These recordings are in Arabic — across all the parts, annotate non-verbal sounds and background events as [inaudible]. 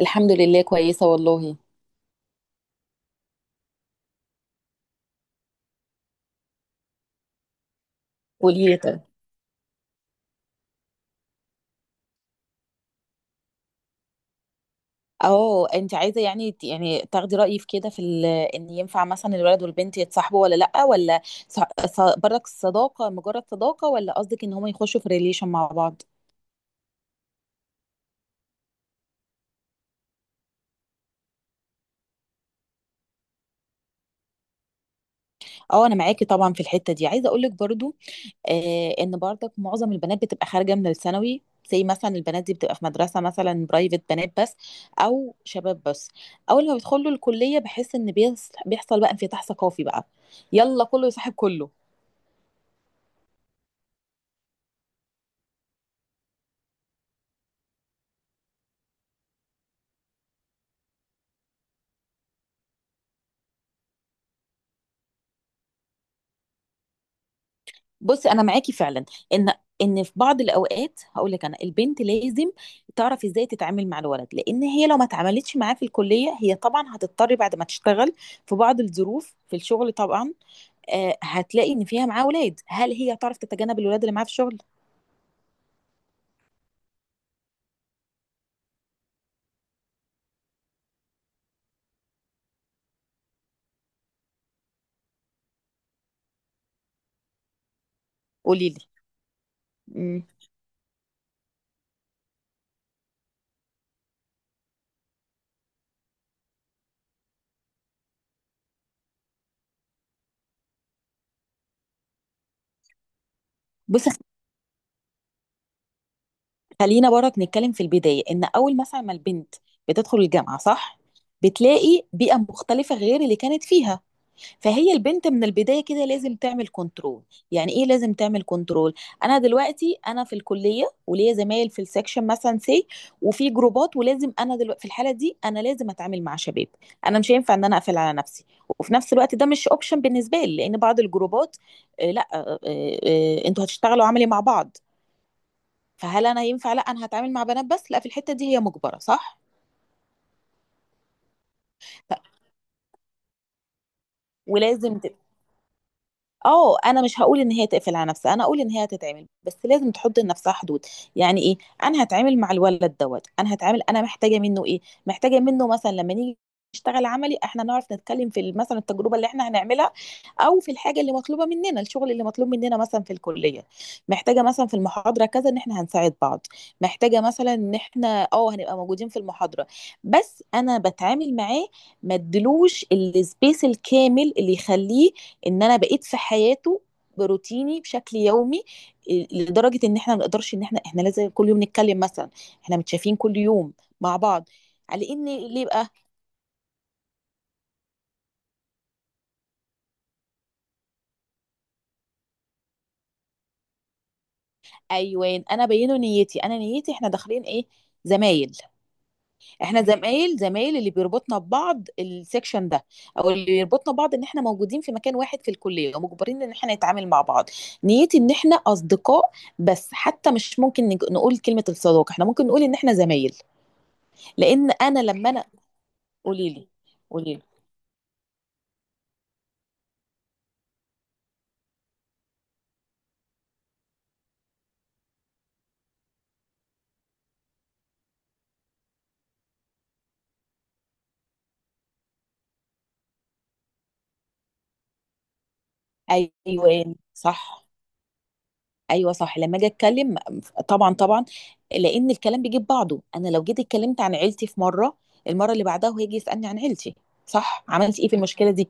الحمد لله، كويسة والله. قولي لي طيب. [laughs] اه، انت عايزة يعني تاخدي رأيي في كده، في ان ينفع مثلا الولد والبنت يتصاحبوا ولا لأ، ولا ص- برك الصداقة مجرد صداقة، ولا قصدك ان هم يخشوا في ريليشن مع بعض؟ اه، انا معاكي طبعا في الحتة دي. عايزة اقولك برضو ان برضك معظم البنات بتبقى خارجة من الثانوي، زي مثلا البنات دي بتبقى في مدرسة مثلا برايفت، بنات بس او شباب بس. اول ما بيدخلوا الكلية بحس ان بيحصل بقى انفتاح ثقافي بقى، يلا كله يصاحب كله. بصي، انا معاكي فعلا ان ان في بعض الاوقات. هقول لك انا البنت لازم تعرف ازاي تتعامل مع الولد، لان هي لو ما اتعاملتش معاه في الكليه، هي طبعا هتضطر بعد ما تشتغل في بعض الظروف في الشغل طبعا. هتلاقي ان فيها معاه اولاد، هل هي تعرف تتجنب الولاد اللي معاها في الشغل؟ قولي لي. مم. بصي، خلينا برك نتكلم في البدايه. ان اول مثلا ما البنت بتدخل الجامعه، صح، بتلاقي بيئه مختلفه غير اللي كانت فيها، فهي البنت من البداية كده لازم تعمل كنترول. يعني ايه لازم تعمل كنترول؟ انا دلوقتي انا في الكلية، وليا زمايل في السكشن مثلا سي، وفي جروبات، ولازم انا دلوقتي في الحالة دي انا لازم اتعامل مع شباب. انا مش هينفع ان انا اقفل على نفسي، وفي نفس الوقت ده مش اوبشن بالنسبة لي، لان بعض الجروبات لا، انتوا هتشتغلوا عملي مع بعض. فهل انا ينفع لا، انا هتعامل مع بنات بس؟ لا، في الحتة دي هي مجبرة صح ولازم. اه انا مش هقول ان هي تقفل على نفسها، انا اقول ان هي هتتعمل، بس لازم تحط لنفسها حدود. يعني ايه؟ انا هتعامل مع الولد دوت، انا هتعامل انا محتاجه منه ايه. محتاجه منه مثلا لما نيجي نشتغل عملي، احنا نعرف نتكلم في مثلا التجربه اللي احنا هنعملها، او في الحاجه اللي مطلوبه مننا، الشغل اللي مطلوب مننا مثلا في الكليه. محتاجه مثلا في المحاضره كذا ان احنا هنساعد بعض، محتاجه مثلا ان احنا اه هنبقى موجودين في المحاضره. بس انا بتعامل معاه، ما ادلوش السبيس الكامل اللي يخليه ان انا بقيت في حياته، بروتيني بشكل يومي، لدرجه ان احنا ما نقدرش ان احنا لازم كل يوم نتكلم مثلا، احنا متشافين كل يوم مع بعض، على ان ليه بقى. ايوان، انا بينه نيتي، انا نيتي احنا داخلين ايه؟ زمايل. احنا زمايل، زمايل اللي بيربطنا ببعض السكشن ده، او اللي بيربطنا ببعض ان احنا موجودين في مكان واحد في الكليه ومجبرين ان احنا نتعامل مع بعض. نيتي ان احنا اصدقاء، بس حتى مش ممكن نقول كلمه الصداقه، احنا ممكن نقول ان احنا زمايل. لان انا لما انا، قولي لي، قولي لي. ايوه صح، ايوه صح لما اجي اتكلم. طبعا طبعا، لان الكلام بيجيب بعضه. انا لو جيت اتكلمت عن عيلتي في مره، المره اللي بعدها هو هيجي يسالني عن عيلتي، صح؟ عملت ايه في المشكله دي؟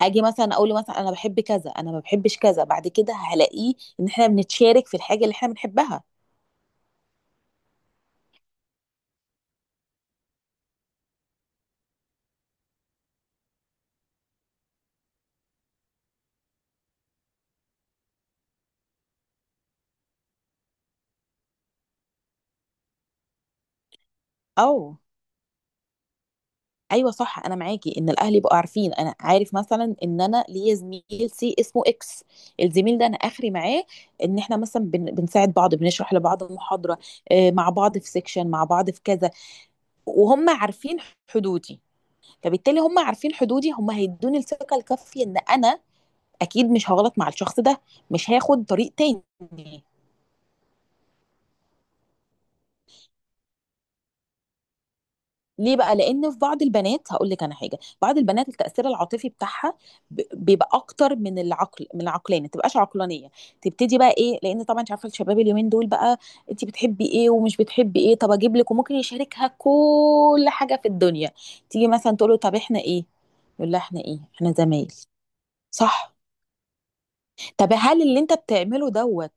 اجي مثلا اقول له مثلا انا بحب كذا، انا ما بحبش كذا، بعد كده هلاقيه ان احنا بنتشارك في الحاجه اللي احنا بنحبها. او، ايوه صح، انا معاكي ان الاهل يبقوا عارفين. انا عارف مثلا ان انا ليا زميل سي اسمه اكس. الزميل ده انا اخري معاه ان احنا مثلا بنساعد بعض، بنشرح لبعض محاضره، مع بعض في سيكشن، مع بعض في كذا، وهم عارفين حدودي. فبالتالي هم عارفين حدودي، هم هيدوني الثقه الكافيه ان انا اكيد مش هغلط مع الشخص ده، مش هاخد طريق تاني. ليه بقى؟ لان في بعض البنات هقول لك انا حاجه، بعض البنات التاثير العاطفي بتاعها بيبقى اكتر من العقل، من العقلانيه، ما تبقاش عقلانيه، تبتدي بقى ايه، لان طبعا انت عارفه الشباب اليومين دول بقى. انت بتحبي ايه ومش بتحبي ايه، طب اجيب لك، وممكن يشاركها كل حاجه في الدنيا. تيجي مثلا تقول له طب احنا ايه؟ يقول لها احنا ايه، احنا زمايل. صح، طب هل اللي انت بتعمله دوت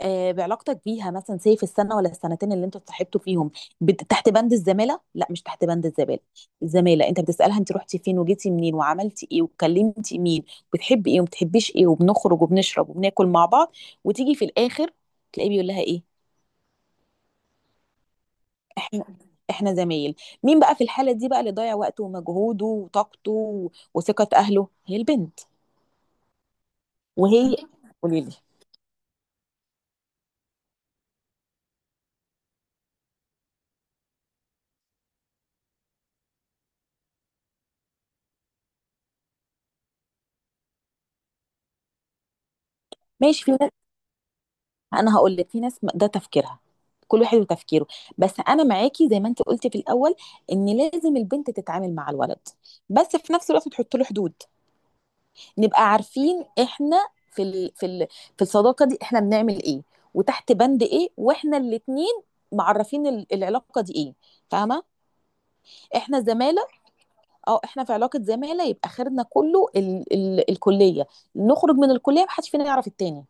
بعلاقتك بيها مثلا سي في السنه ولا السنتين اللي انتوا اتصاحبتوا فيهم تحت بند الزماله؟ لا، مش تحت بند الزماله. الزماله، انت بتسالها انت رحتي فين وجيتي منين وعملتي ايه وكلمتي مين، بتحبي ايه وما بتحبيش ايه، وبنخرج وبنشرب وبناكل مع بعض، وتيجي في الاخر تلاقيه بيقول لها ايه؟ احنا احنا زمايل. مين بقى في الحاله دي بقى اللي ضيع وقته ومجهوده وطاقته وثقه اهله؟ هي البنت. وهي، قولي لي. ماشي، في، انا هقول لك في ناس ده تفكيرها، كل واحد وتفكيره. بس انا معاكي زي ما انت قلتي في الاول ان لازم البنت تتعامل مع الولد، بس في نفس الوقت تحط له حدود. نبقى عارفين احنا في الصداقه دي احنا بنعمل ايه، وتحت بند ايه، واحنا الاتنين معرفين العلاقه دي ايه. فاهمه؟ احنا زماله، اه احنا في علاقه زماله، يبقى خيرنا كله الكليه، نخرج من الكليه محدش فينا يعرف التاني.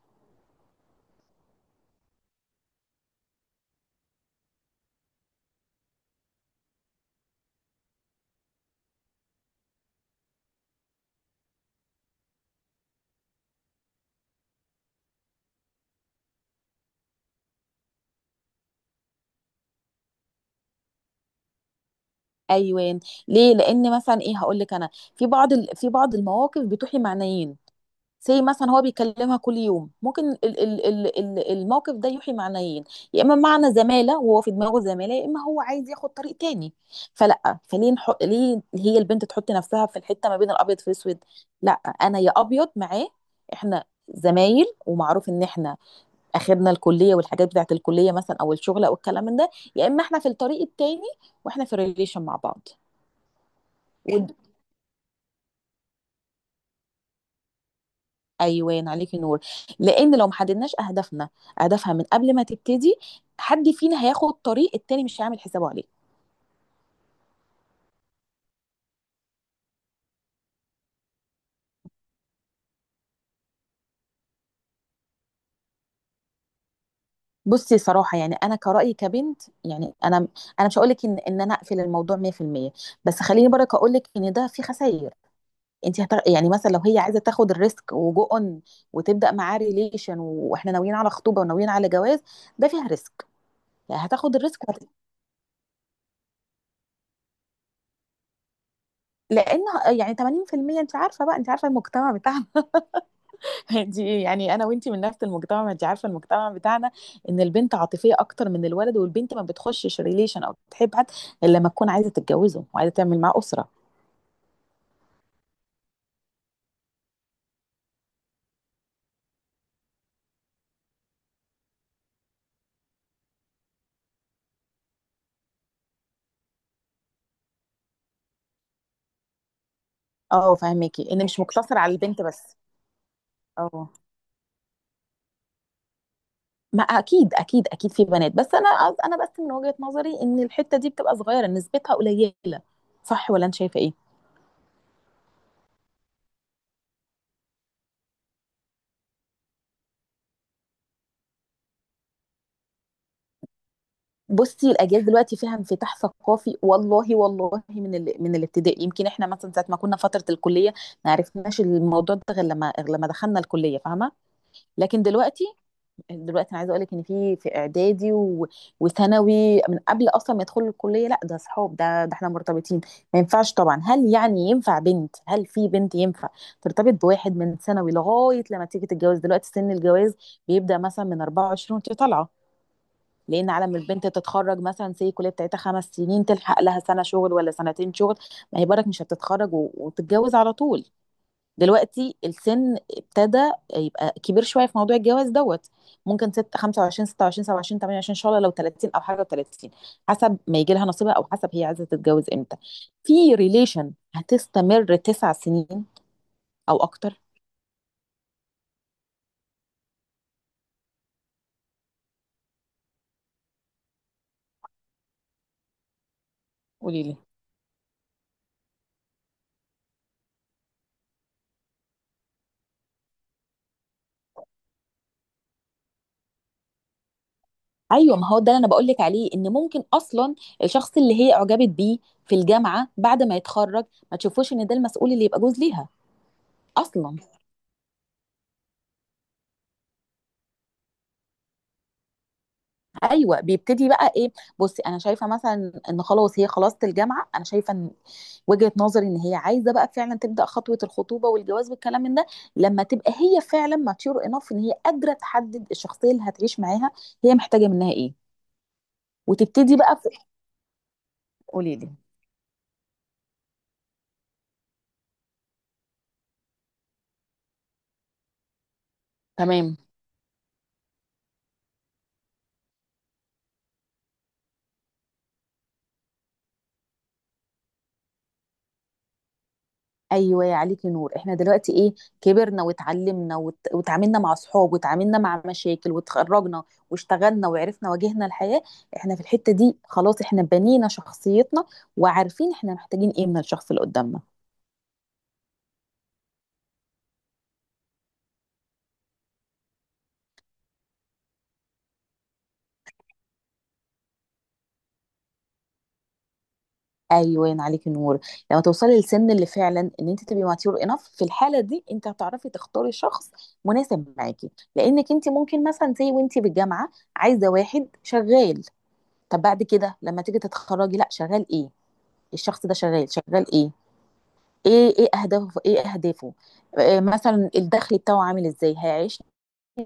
ايوه، ليه؟ لان مثلا ايه هقول لك انا، في بعض المواقف بتوحي معنيين، زي مثلا هو بيكلمها كل يوم، ممكن الموقف ده يوحي معنيين، يا اما معنى زماله وهو في دماغه زماله، يا اما هو عايز ياخد طريق تاني. ليه هي البنت تحط نفسها في الحته ما بين الابيض في الاسود؟ لا، انا يا ابيض معاه، احنا زمايل، ومعروف ان احنا اخرنا الكليه والحاجات بتاعت الكليه مثلا او الشغل او الكلام من ده، يا اما احنا في الطريق التاني واحنا في ريليشن مع بعض. ود... ايوان، عليكي نور. لان لو ما حددناش اهدافنا، اهدافها من قبل ما تبتدي، حد فينا هياخد طريق التاني مش هيعمل حسابه عليه. بصي، صراحه يعني انا كرأيي كبنت، يعني انا مش هقول لك ان ان انا اقفل الموضوع 100%، بس خليني برك اقول لك ان ده فيه خسائر. يعني مثلا لو هي عايزه تاخد الريسك وجو اون وتبدا معاه ريليشن واحنا ناويين على خطوبه وناويين على جواز، ده فيها ريسك. يعني هتاخد الريسك لان، يعني 80% انت عارفه بقى، انت عارفه المجتمع بتاعنا. [laughs] دي يعني انا وانتي من نفس المجتمع، ما انت عارفه المجتمع بتاعنا، ان البنت عاطفيه اكتر من الولد، والبنت ما بتخشش ريليشن او بتحب حد الا لما تكون عايزه تتجوزه وعايزه تعمل معاه اسره. اه، فاهمكي ان مش مقتصر على البنت بس. اه، ما اكيد اكيد اكيد في بنات، بس انا، انا بس من وجهه نظري ان الحته دي بتبقى صغيره، نسبتها قليله. صح ولا انت شايفه ايه؟ بصي، الاجيال دلوقتي فيها انفتاح ثقافي والله والله. من الابتدائي يمكن احنا مثلا ساعه ما كنا فتره الكليه ما عرفناش الموضوع ده غير لما دخلنا الكليه، فاهمه؟ لكن دلوقتي، دلوقتي انا عايزه اقول لك ان في اعدادي وثانوي، من قبل اصلا ما يدخلوا الكليه، لا ده صحاب، ده احنا مرتبطين. ما ينفعش طبعا. هل يعني ينفع بنت، هل في بنت ينفع ترتبط بواحد من ثانوي لغايه لما تيجي تتجوز؟ دلوقتي سن الجواز بيبدا مثلا من 24 وانت طالعه. لان على ما البنت تتخرج مثلا سي الكليه بتاعتها 5 سنين، تلحق لها سنه شغل ولا سنتين شغل، ما هي برك مش هتتخرج وتتجوز على طول. دلوقتي السن ابتدى يبقى كبير شويه في موضوع الجواز دوت. ممكن ست 25، 26، 27، 28، ان شاء الله لو 30 او حاجه و30، حسب ما يجي لها نصيبها او حسب هي عايزه تتجوز امتى. في ريليشن هتستمر 9 سنين او اكتر؟ قولي لي. ايوه، ما هو ده اللي انا بقول لك عليه، ان ممكن اصلا الشخص اللي هي اعجبت بيه في الجامعه بعد ما يتخرج ما تشوفوش ان ده المسؤول اللي يبقى جوز ليها اصلا. ايوه، بيبتدي بقى ايه. بصي، انا شايفه مثلا ان خلاص هي خلصت الجامعه، انا شايفه ان، وجهه نظري، ان هي عايزه بقى فعلا تبدا خطوه الخطوبه والجواز والكلام من ده لما تبقى هي فعلا ماتيور انف، ان هي قادره تحدد الشخصيه اللي هتعيش معاها هي محتاجه منها ايه. وتبتدي بقى في... قولي لي. تمام. ايوه، يا عليك نور. احنا دلوقتي ايه؟ كبرنا واتعلمنا وتعاملنا مع اصحاب وتعاملنا مع مشاكل وتخرجنا واشتغلنا وعرفنا، واجهنا الحياة. احنا في الحتة دي خلاص احنا بنينا شخصيتنا، وعارفين احنا محتاجين ايه من الشخص اللي قدامنا. ايوه، يا عليك نور. لما توصلي للسن اللي فعلا ان انت تبقي ماتيور انف، في الحاله دي انت هتعرفي تختاري شخص مناسب معاكي. لانك انت ممكن مثلا زي وانت بالجامعه عايزه واحد شغال، طب بعد كده لما تيجي تتخرجي لا، شغال ايه؟ الشخص ده شغال شغال ايه؟ ايه، ايه اهدافه، ايه اهدافه، مثلا الدخل بتاعه عامل ازاي، هيعيشني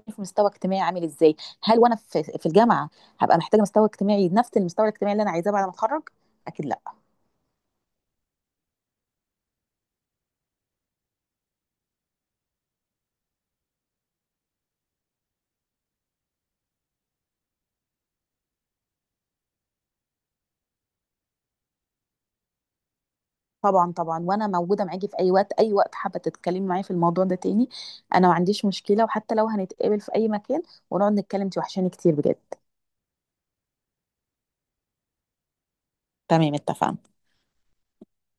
في مستوى اجتماعي عامل ازاي. هل وانا في الجامعه هبقى محتاجه مستوى اجتماعي نفس المستوى الاجتماعي اللي انا عايزاه بعد ما اتخرج؟ اكيد لا. طبعا طبعا، وانا موجوده معاكي في اي وقت، اي وقت حابه تتكلمي معايا في الموضوع ده تاني. انا ما عنديش مشكله، وحتى لو هنتقابل في اي مكان ونقعد نتكلم، انت وحشاني كتير بجد. تمام، اتفقنا.